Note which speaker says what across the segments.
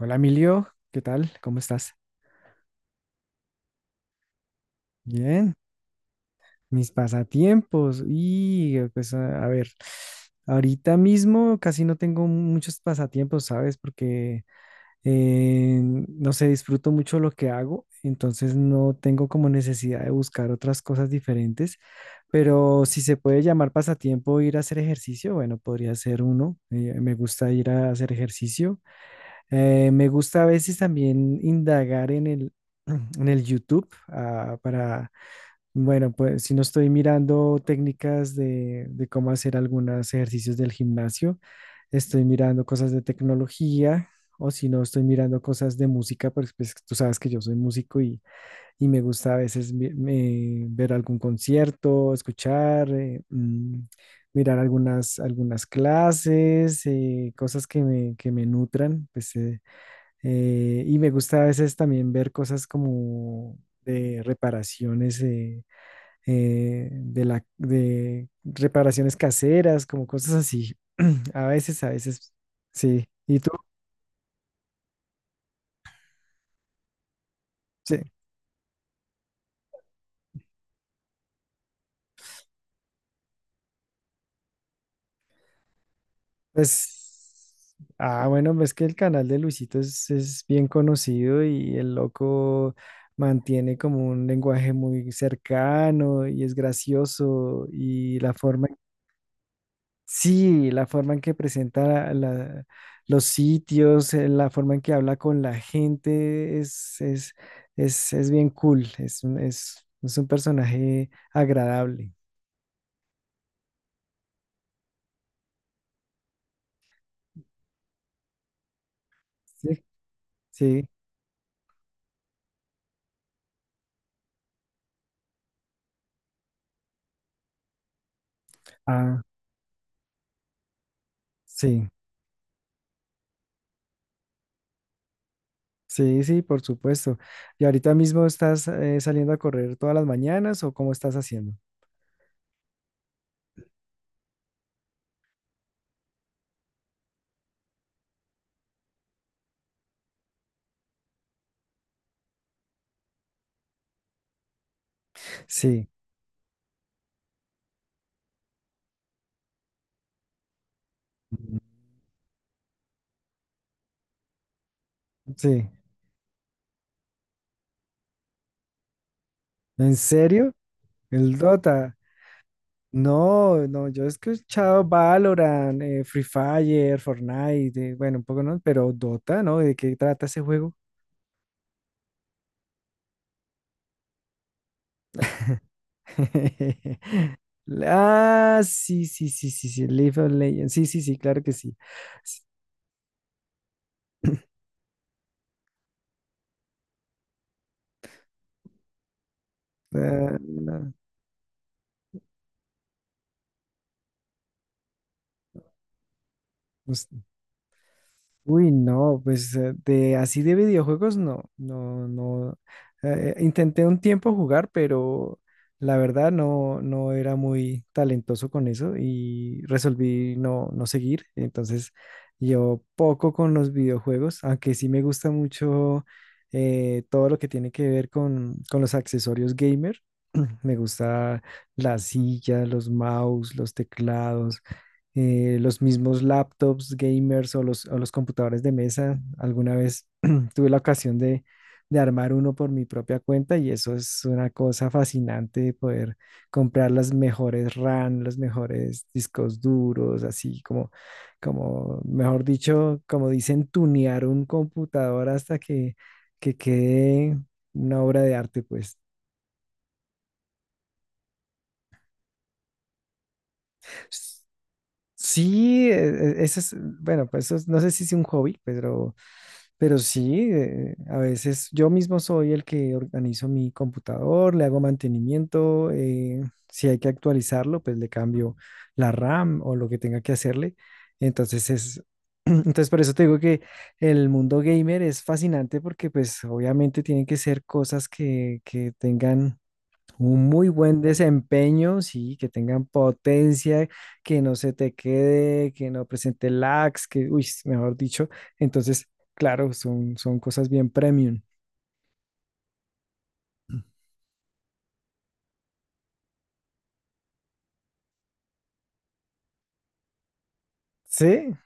Speaker 1: Hola Emilio, ¿qué tal? ¿Cómo estás? Bien, mis pasatiempos. Y pues a ver, ahorita mismo casi no tengo muchos pasatiempos, ¿sabes? Porque no sé, disfruto mucho lo que hago, entonces no tengo como necesidad de buscar otras cosas diferentes. Pero si se puede llamar pasatiempo ir a hacer ejercicio, bueno, podría ser uno. Me gusta ir a hacer ejercicio. Me gusta a veces también indagar en el, en el YouTube, ah, para, bueno, pues si no estoy mirando técnicas de cómo hacer algunos ejercicios del gimnasio, estoy mirando cosas de tecnología, o si no estoy mirando cosas de música, pues, pues tú sabes que yo soy músico y me gusta a veces ver algún concierto, escuchar, mirar algunas clases, cosas que me nutran, pues, y me gusta a veces también ver cosas como de reparaciones, de reparaciones caseras, como cosas así. A veces, sí. ¿Y tú? Sí. Pues, ah, bueno, ves que el canal de Luisito es bien conocido y el loco mantiene como un lenguaje muy cercano y es gracioso y la forma. Sí, la forma en que presenta los sitios, la forma en que habla con la gente es bien cool, es un personaje agradable. Sí, sí, ah, sí, sí, sí, por supuesto. ¿Y ahorita mismo estás saliendo a correr todas las mañanas o cómo estás haciendo? Sí, sí. ¿En serio? El Dota. No, no, yo he escuchado Valorant, Free Fire, Fortnite, bueno, un poco no, pero Dota, ¿no? ¿De qué trata ese juego? Ah, sí, sí, sí, sí, sí, League of Legends, sí, sí, sí, claro que sí. S- ah, no, no, pues. Uy, no, pues de así de videojuegos no, no, no. Intenté un tiempo jugar, pero la verdad no, no era muy talentoso con eso y resolví no, no seguir. Entonces, yo poco con los videojuegos, aunque sí me gusta mucho todo lo que tiene que ver con los accesorios gamer. Me gusta la silla, los mouse, los teclados, los mismos laptops gamers o los computadores de mesa. Alguna vez tuve la ocasión de armar uno por mi propia cuenta, y eso es una cosa fascinante, poder comprar las mejores RAM, los mejores discos duros, así mejor dicho, como dicen, tunear un computador hasta que quede una obra de arte, pues. Sí, ese es, bueno, pues no sé si es un hobby, pero sí, a veces yo mismo soy el que organizo mi computador, le hago mantenimiento, si hay que actualizarlo, pues le cambio la RAM o lo que tenga que hacerle. Entonces es. Entonces, por eso te digo que el mundo gamer es fascinante, porque pues obviamente tienen que ser cosas que tengan un muy buen desempeño, sí, que tengan potencia, que no se te quede, que no presente lags, que, uy, mejor dicho. Entonces, claro, son cosas bien premium. Sí.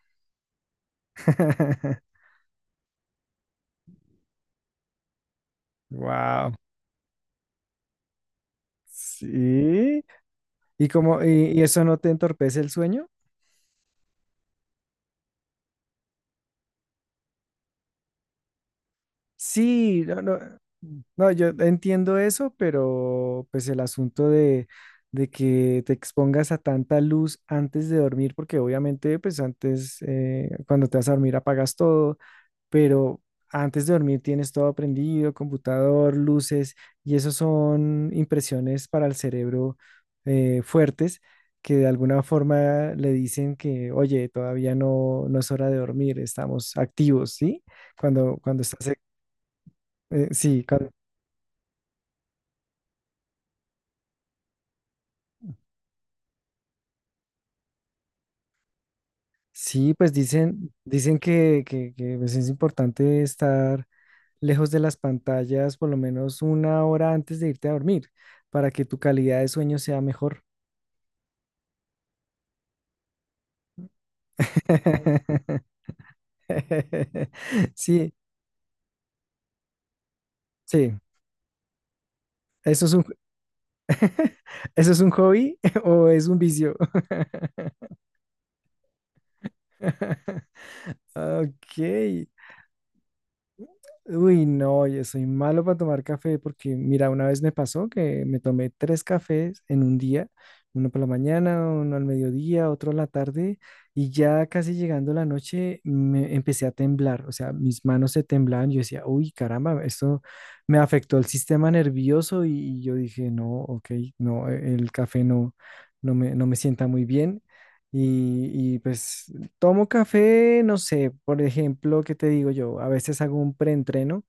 Speaker 1: Wow. Sí. ¿Y como y eso no te entorpece el sueño? Sí, no, no, no, yo entiendo eso, pero pues el asunto de que te expongas a tanta luz antes de dormir, porque obviamente pues antes, cuando te vas a dormir apagas todo, pero antes de dormir tienes todo prendido, computador, luces, y eso son impresiones para el cerebro, fuertes, que de alguna forma le dicen que, oye, todavía no, no es hora de dormir, estamos activos, ¿sí? Cuando estás, sí, claro. Sí, pues dicen, que, pues, es importante estar lejos de las pantallas por lo menos una hora antes de irte a dormir, para que tu calidad de sueño sea mejor. Sí, sí. ¿Eso es un, ¿eso es un hobby o es un vicio? Ok. Uy, no, yo soy malo para tomar café porque, mira, una vez me pasó que me tomé tres cafés en un día, uno por la mañana, uno al mediodía, otro en la tarde, y ya casi llegando la noche me empecé a temblar, o sea, mis manos se temblaban, yo decía, uy, caramba, esto me afectó el sistema nervioso y, yo dije, no, ok, no, e, el café no, no me, no me sienta muy bien. Y pues, tomo café, no sé, por ejemplo, ¿qué te digo yo? A veces hago un preentreno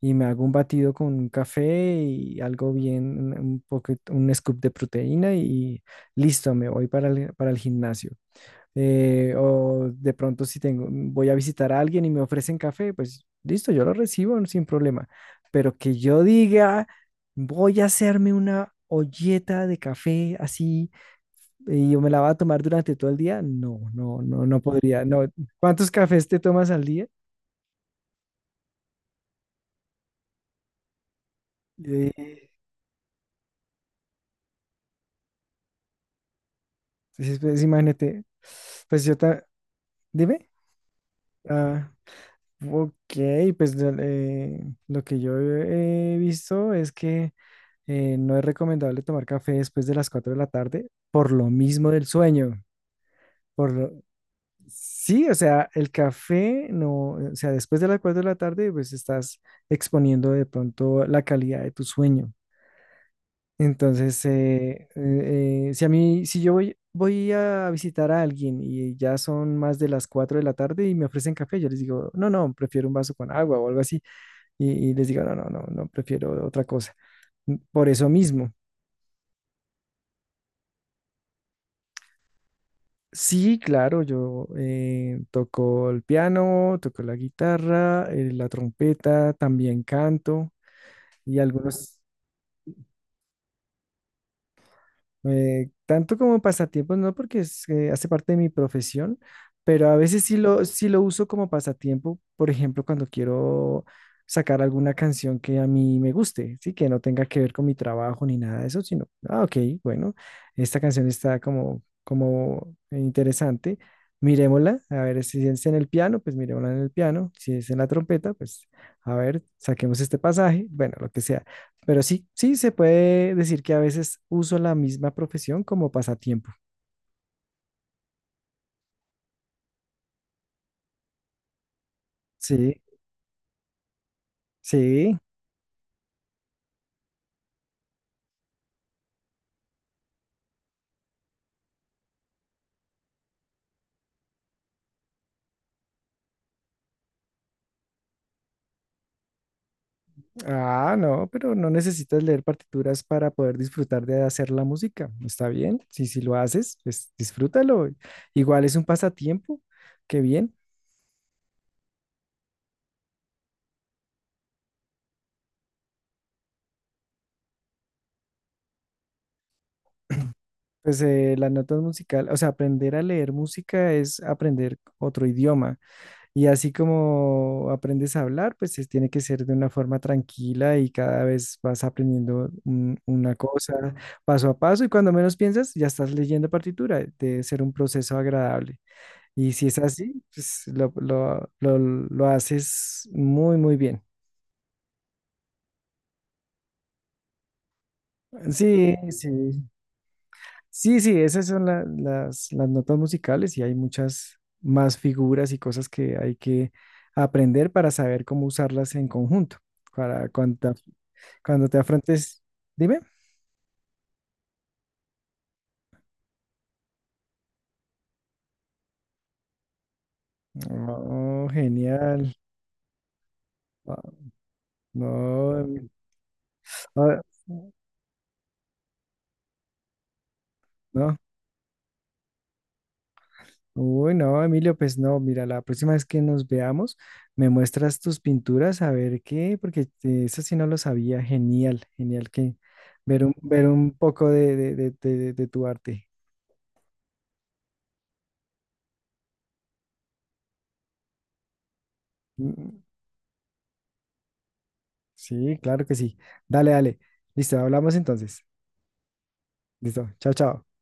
Speaker 1: y me hago un batido con un café y algo bien, un poco, un scoop de proteína y listo, me voy para el gimnasio, o de pronto si tengo, voy a visitar a alguien y me ofrecen café, pues listo, yo lo recibo no, sin problema. Pero que yo diga, voy a hacerme una olleta de café así y yo me la voy a tomar durante todo el día, no, no, no, no podría. No. ¿Cuántos cafés te tomas al día? Eh, entonces, pues, imagínate, pues dime. Ah, ok, pues lo que yo he visto es que no es recomendable tomar café después de las 4 de la tarde, por lo mismo del sueño. Por lo- Sí, o sea, el café no, o sea, después de las 4 de la tarde, pues estás exponiendo de pronto la calidad de tu sueño. Entonces, si a mí, si yo voy, voy a visitar a alguien y ya son más de las 4 de la tarde y me ofrecen café, yo les digo, no, no, prefiero un vaso con agua o algo así. Y les digo, no, no, no, no, prefiero otra cosa. Por eso mismo. Sí, claro, yo toco el piano, toco la guitarra, la trompeta, también canto y algunos. Tanto como pasatiempos, no, porque es, hace parte de mi profesión, pero a veces sí lo uso como pasatiempo, por ejemplo, cuando quiero sacar alguna canción que a mí me guste, sí, que no tenga que ver con mi trabajo ni nada de eso, sino, ah, ok, bueno, esta canción está como, como interesante, miremosla, a ver si es en el piano, pues miremosla en el piano, si es en la trompeta, pues a ver, saquemos este pasaje, bueno, lo que sea. Pero sí, sí, se puede decir que a veces uso la misma profesión como pasatiempo. Sí, sí. Ah, no, pero no necesitas leer partituras para poder disfrutar de hacer la música. Está bien. Sí, si lo haces, pues disfrútalo. Igual es un pasatiempo. Qué bien. Pues las notas musicales, o sea, aprender a leer música es aprender otro idioma. Y así como aprendes a hablar, pues tiene que ser de una forma tranquila y cada vez vas aprendiendo una cosa paso a paso, y cuando menos piensas ya estás leyendo partitura. Debe ser un proceso agradable. Y si es así, pues lo haces muy, muy bien. Sí, sí. Sí, sí, esas son las notas musicales y hay muchas más figuras y cosas que hay que aprender para saber cómo usarlas en conjunto, para cuando, cuando te afrontes, dime. Oh, genial. Ah, no. Ah, no. Uy, no, Emilio, pues no, mira, la próxima vez que nos veamos, me muestras tus pinturas a ver qué, porque eso sí no lo sabía. Genial, genial que ver un poco de tu arte. Mm, sí, claro que sí. Dale, dale. Listo, hablamos entonces. Listo, chao, chao.